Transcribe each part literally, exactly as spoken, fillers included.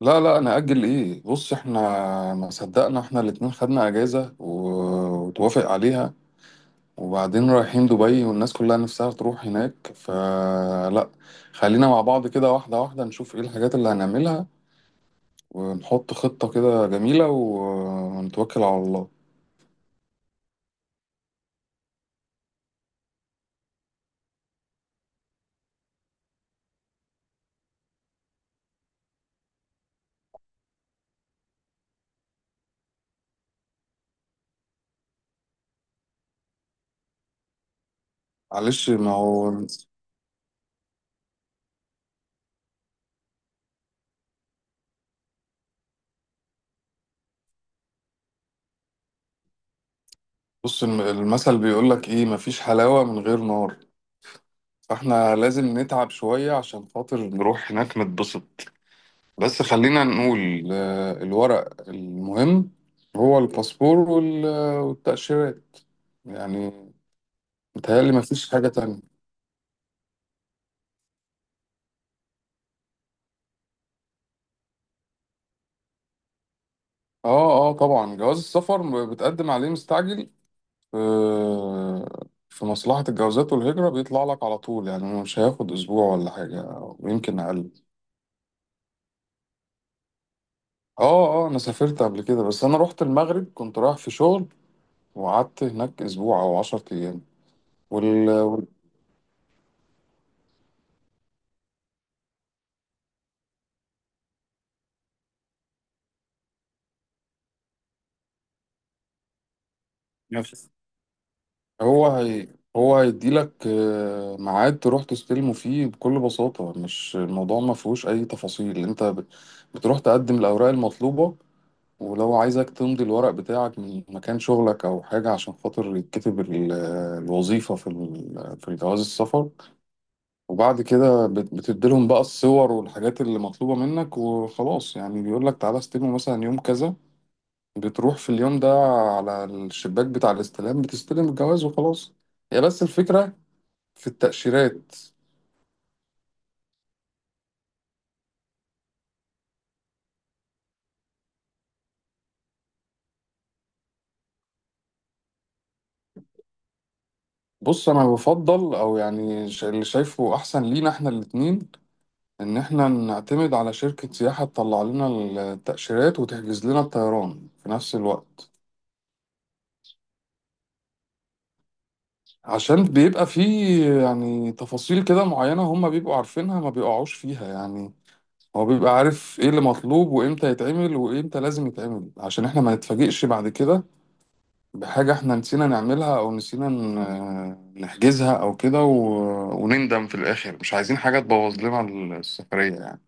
لا لا، انا اجل ايه؟ بص، احنا ما صدقنا احنا الاتنين خدنا اجازة و- وتوافق عليها، وبعدين رايحين دبي والناس كلها نفسها تروح هناك. فلا، خلينا مع بعض كده واحدة واحدة نشوف ايه الحاجات اللي هنعملها، ونحط خطة كده جميلة و- ونتوكل على الله. معلش، ما هو بص الم- المثل بيقولك ايه، مفيش حلاوة من غير نار. فاحنا لازم نتعب شوية عشان خاطر نروح هناك نتبسط. بس خلينا نقول آه، الورق المهم هو الباسبور وال- والتأشيرات يعني. متهيألي مفيش حاجة تانية. اه اه، طبعا جواز السفر بتقدم عليه مستعجل. آه، في مصلحة الجوازات والهجرة بيطلع لك على طول، يعني مش هياخد أسبوع ولا حاجة، ويمكن أقل. اه اه، أنا سافرت قبل كده، بس أنا رحت المغرب كنت رايح في شغل، وقعدت هناك أسبوع أو عشرة أيام. وال... وال... هو هي هو هيديلك آه، ميعاد تروح تستلمه فيه بكل بساطة. مش الموضوع ما فيهوش أي تفاصيل، أنت ب- بتروح تقدم الأوراق المطلوبة، ولو عايزك تمضي الورق بتاعك من مكان شغلك أو حاجة عشان خاطر يتكتب ال- الوظيفة في ال- في جواز السفر، وبعد كده بت- بتديلهم بقى الصور والحاجات اللي مطلوبة منك، وخلاص يعني. بيقولك تعالى استلمه مثلا يوم كذا، بتروح في اليوم ده على الشباك بتاع الاستلام بتستلم الجواز وخلاص. هي بس الفكرة في التأشيرات. بص انا بفضل او يعني، ش- اللي شايفه احسن لينا احنا الاتنين، ان احنا نعتمد على شركة سياحة تطلع لنا التأشيرات وتحجز لنا الطيران في نفس الوقت. عشان بيبقى فيه يعني تفاصيل كده معينة هم بيبقوا عارفينها، ما بيقعوش فيها يعني. هو بيبقى عارف ايه اللي مطلوب وامتى يتعمل وامتى لازم يتعمل، عشان احنا ما نتفاجئش بعد كده بحاجة احنا نسينا نعملها، او نسينا ن- نحجزها او كده و... ونندم في الاخر. مش عايزين حاجة تبوظ لنا السفرية يعني.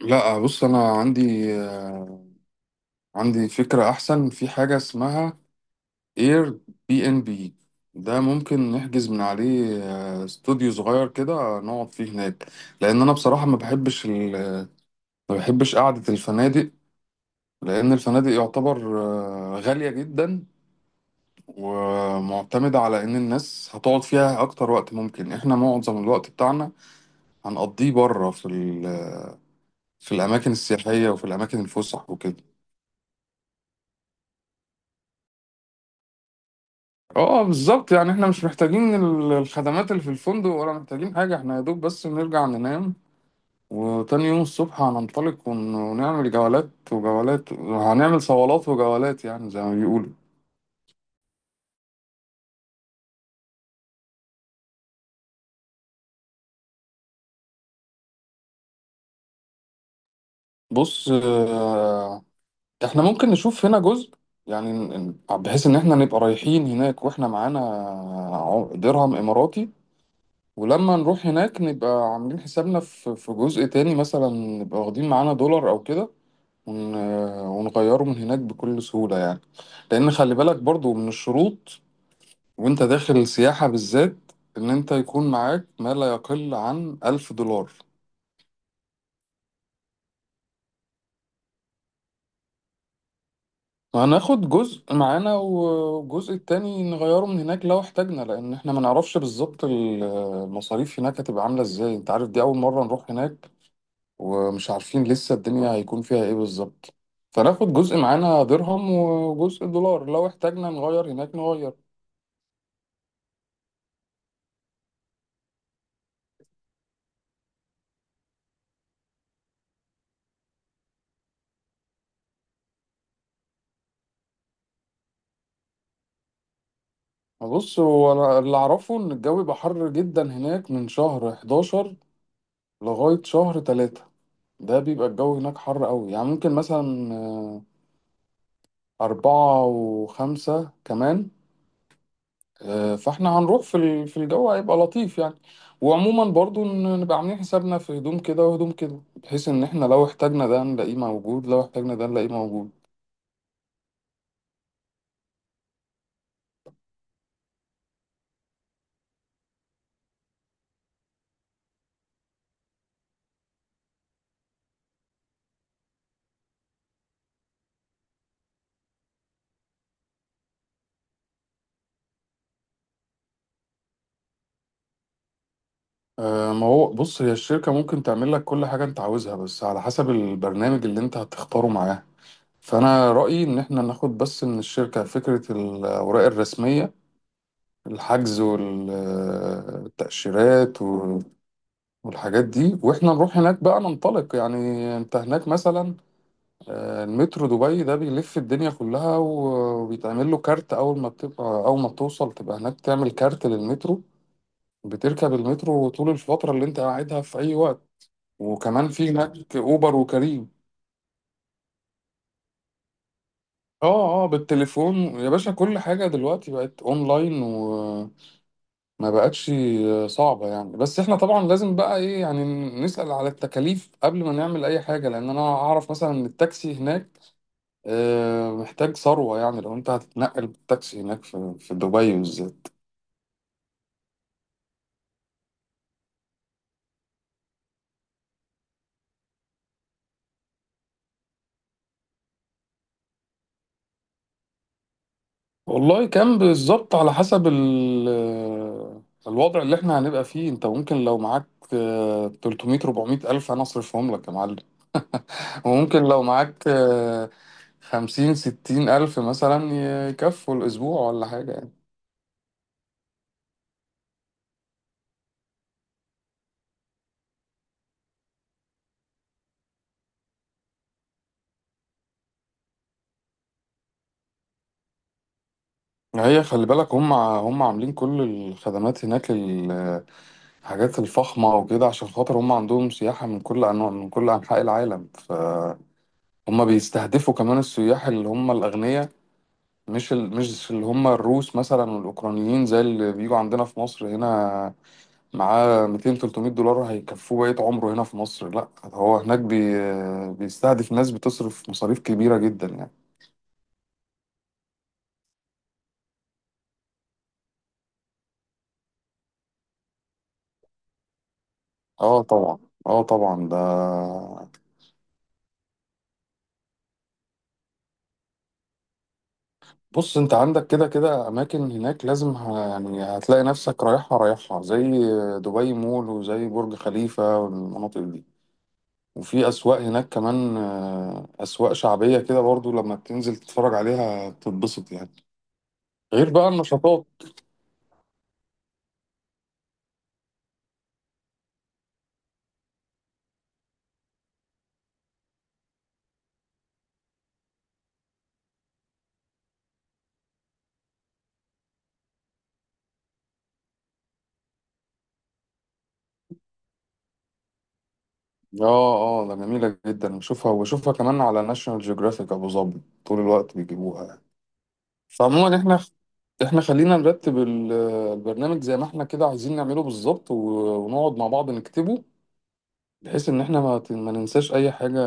لا، بص انا عندي آه، عندي فكرة احسن في حاجة اسمها اير بي ان بي. ده ممكن نحجز من عليه آه، استوديو صغير كده نقعد فيه هناك، لان انا بصراحة ما بحبش ال... ما بحبش قعدة الفنادق. لان الفنادق يعتبر آه، غالية جدا، ومعتمدة على إن الناس هتقعد فيها أكتر وقت ممكن. إحنا معظم الوقت بتاعنا هنقضيه بره في ال- في الأماكن السياحية وفي الأماكن الفسح وكده. اه بالظبط، يعني احنا مش محتاجين ال- الخدمات اللي في الفندق، ولا محتاجين حاجة. احنا يا دوب بس نرجع ننام، وتاني يوم الصبح هننطلق ون- ونعمل جولات وجولات. هنعمل صولات وجولات يعني زي ما بيقولوا. بص آه، احنا ممكن نشوف هنا جزء، يعني ن- ن- بحيث ان احنا نبقى رايحين هناك واحنا معانا عو- درهم اماراتي. ولما نروح هناك نبقى عاملين حسابنا في في جزء تاني، مثلا نبقى واخدين معانا دولار او كده ون- ونغيره من هناك بكل سهولة يعني. لان خلي بالك برضو من الشروط، وانت داخل السياحة بالذات، ان انت يكون معاك ما لا يقل عن ألف دولار. هناخد جزء معانا، والجزء التاني نغيره من هناك لو احتاجنا، لأن احنا ما نعرفش بالظبط ال- المصاريف هناك هتبقى عاملة ازاي. انت عارف دي أول مرة نروح هناك، ومش عارفين لسه الدنيا هيكون فيها ايه بالظبط. فناخد جزء معانا درهم وجزء دولار، لو احتاجنا نغير هناك نغير. بص، هو أنا اللي أعرفه إن الجو بيبقى حر جدا هناك من شهر حداشر لغاية شهر تلاتة. ده بيبقى الجو هناك حر قوي، يعني ممكن مثلا آه، أربعة وخمسة كمان. آه، فاحنا هنروح في ال- في الجو هيبقى لطيف يعني. وعموما برضو ن- نبقى عاملين حسابنا في هدوم كده وهدوم كده، بحيث ان احنا لو احتاجنا ده نلاقيه موجود، لو احتاجنا ده نلاقيه موجود. آه، ما هو بص هي الشركة ممكن تعمل لك كل حاجة انت عاوزها، بس على حسب البرنامج اللي انت هتختاره معاه. فانا رأيي ان احنا ناخد بس من الشركة فكرة الاوراق الرسمية، الحجز والتأشيرات والحاجات دي، واحنا نروح هناك بقى ننطلق يعني. انت هناك مثلا آه، المترو دبي ده بيلف الدنيا كلها، و- وبيتعمل له كارت. أول ما بتبقى أول ما بتوصل تبقى هناك تعمل كارت للمترو، بتركب المترو طول الفترة اللي أنت قاعدها في أي وقت. وكمان في هناك أوبر وكريم. اه اه، بالتليفون يا باشا كل حاجة دلوقتي بقت اونلاين، وما بقتش صعبة يعني. بس احنا طبعا لازم بقى ايه يعني نسأل على التكاليف قبل ما نعمل اي حاجة، لان انا اعرف مثلا ان التاكسي هناك آه، محتاج ثروة، يعني لو أنت هتتنقل بالتاكسي هناك في في دبي بالذات. والله كان بالظبط على حسب ال- آه، الوضع اللي احنا هنبقى فيه. أنت ممكن لو معاك آه، ثلاثمئة أربعمئة ألف أنا أصرفهم لك يا معلم، وممكن لو معاك آه، خمسين ستين ألف مثلا يكفوا الأسبوع ولا حاجة يعني. هي خلي بالك، هم هم عاملين كل الخدمات هناك الحاجات الفخمة وكده، عشان خاطر هم عندهم سياحة من كل أنواع، من كل أنحاء العالم. ف هما بيستهدفوا كمان السياح اللي هم الأغنياء، مش ال... مش اللي هم الروس مثلا والأوكرانيين زي اللي بيجوا عندنا في مصر هنا، معاه ميتين ثلاثمئة دولار هيكفوه بقية عمره هنا في مصر. لا، هو هناك بي... بيستهدف ناس بتصرف مصاريف كبيرة جدا يعني. اه طبعا، اه طبعا ده. بص انت عندك كده كده اماكن هناك لازم ه... يعني هتلاقي نفسك رايحها رايحها زي دبي مول وزي برج خليفة والمناطق دي. وفي أسواق هناك كمان آه، أسواق شعبية كده برضو، لما بتنزل تتفرج عليها بتتبسط يعني. غير بقى النشاطات. اه اه، ده جميلة جدا، بشوفها وبشوفها كمان على ناشونال جيوغرافيك أبو ظبي طول الوقت بيجيبوها يعني. فعموما احنا احنا خلينا نرتب ال- البرنامج زي ما احنا كده عايزين نعمله بالظبط، و- ونقعد مع بعض نكتبه، بحيث ان احنا ما ت- ما ننساش اي حاجة،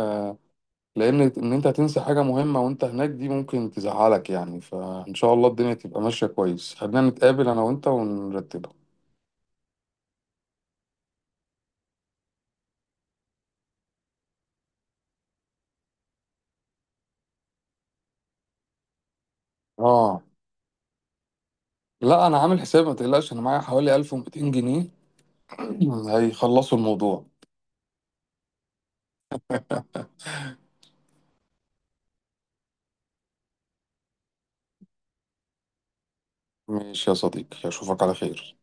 لان ان انت هتنسى حاجه مهمه وانت هناك دي ممكن تزعلك يعني. فان شاء الله الدنيا تبقى ماشيه كويس. خلينا نتقابل انا وانت ونرتبها. اه، لا انا عامل حساب ما تقلقش، انا معايا حوالي ألف وميتين جنيه هيخلصوا الموضوع. ماشي يا صديقي، اشوفك على خير.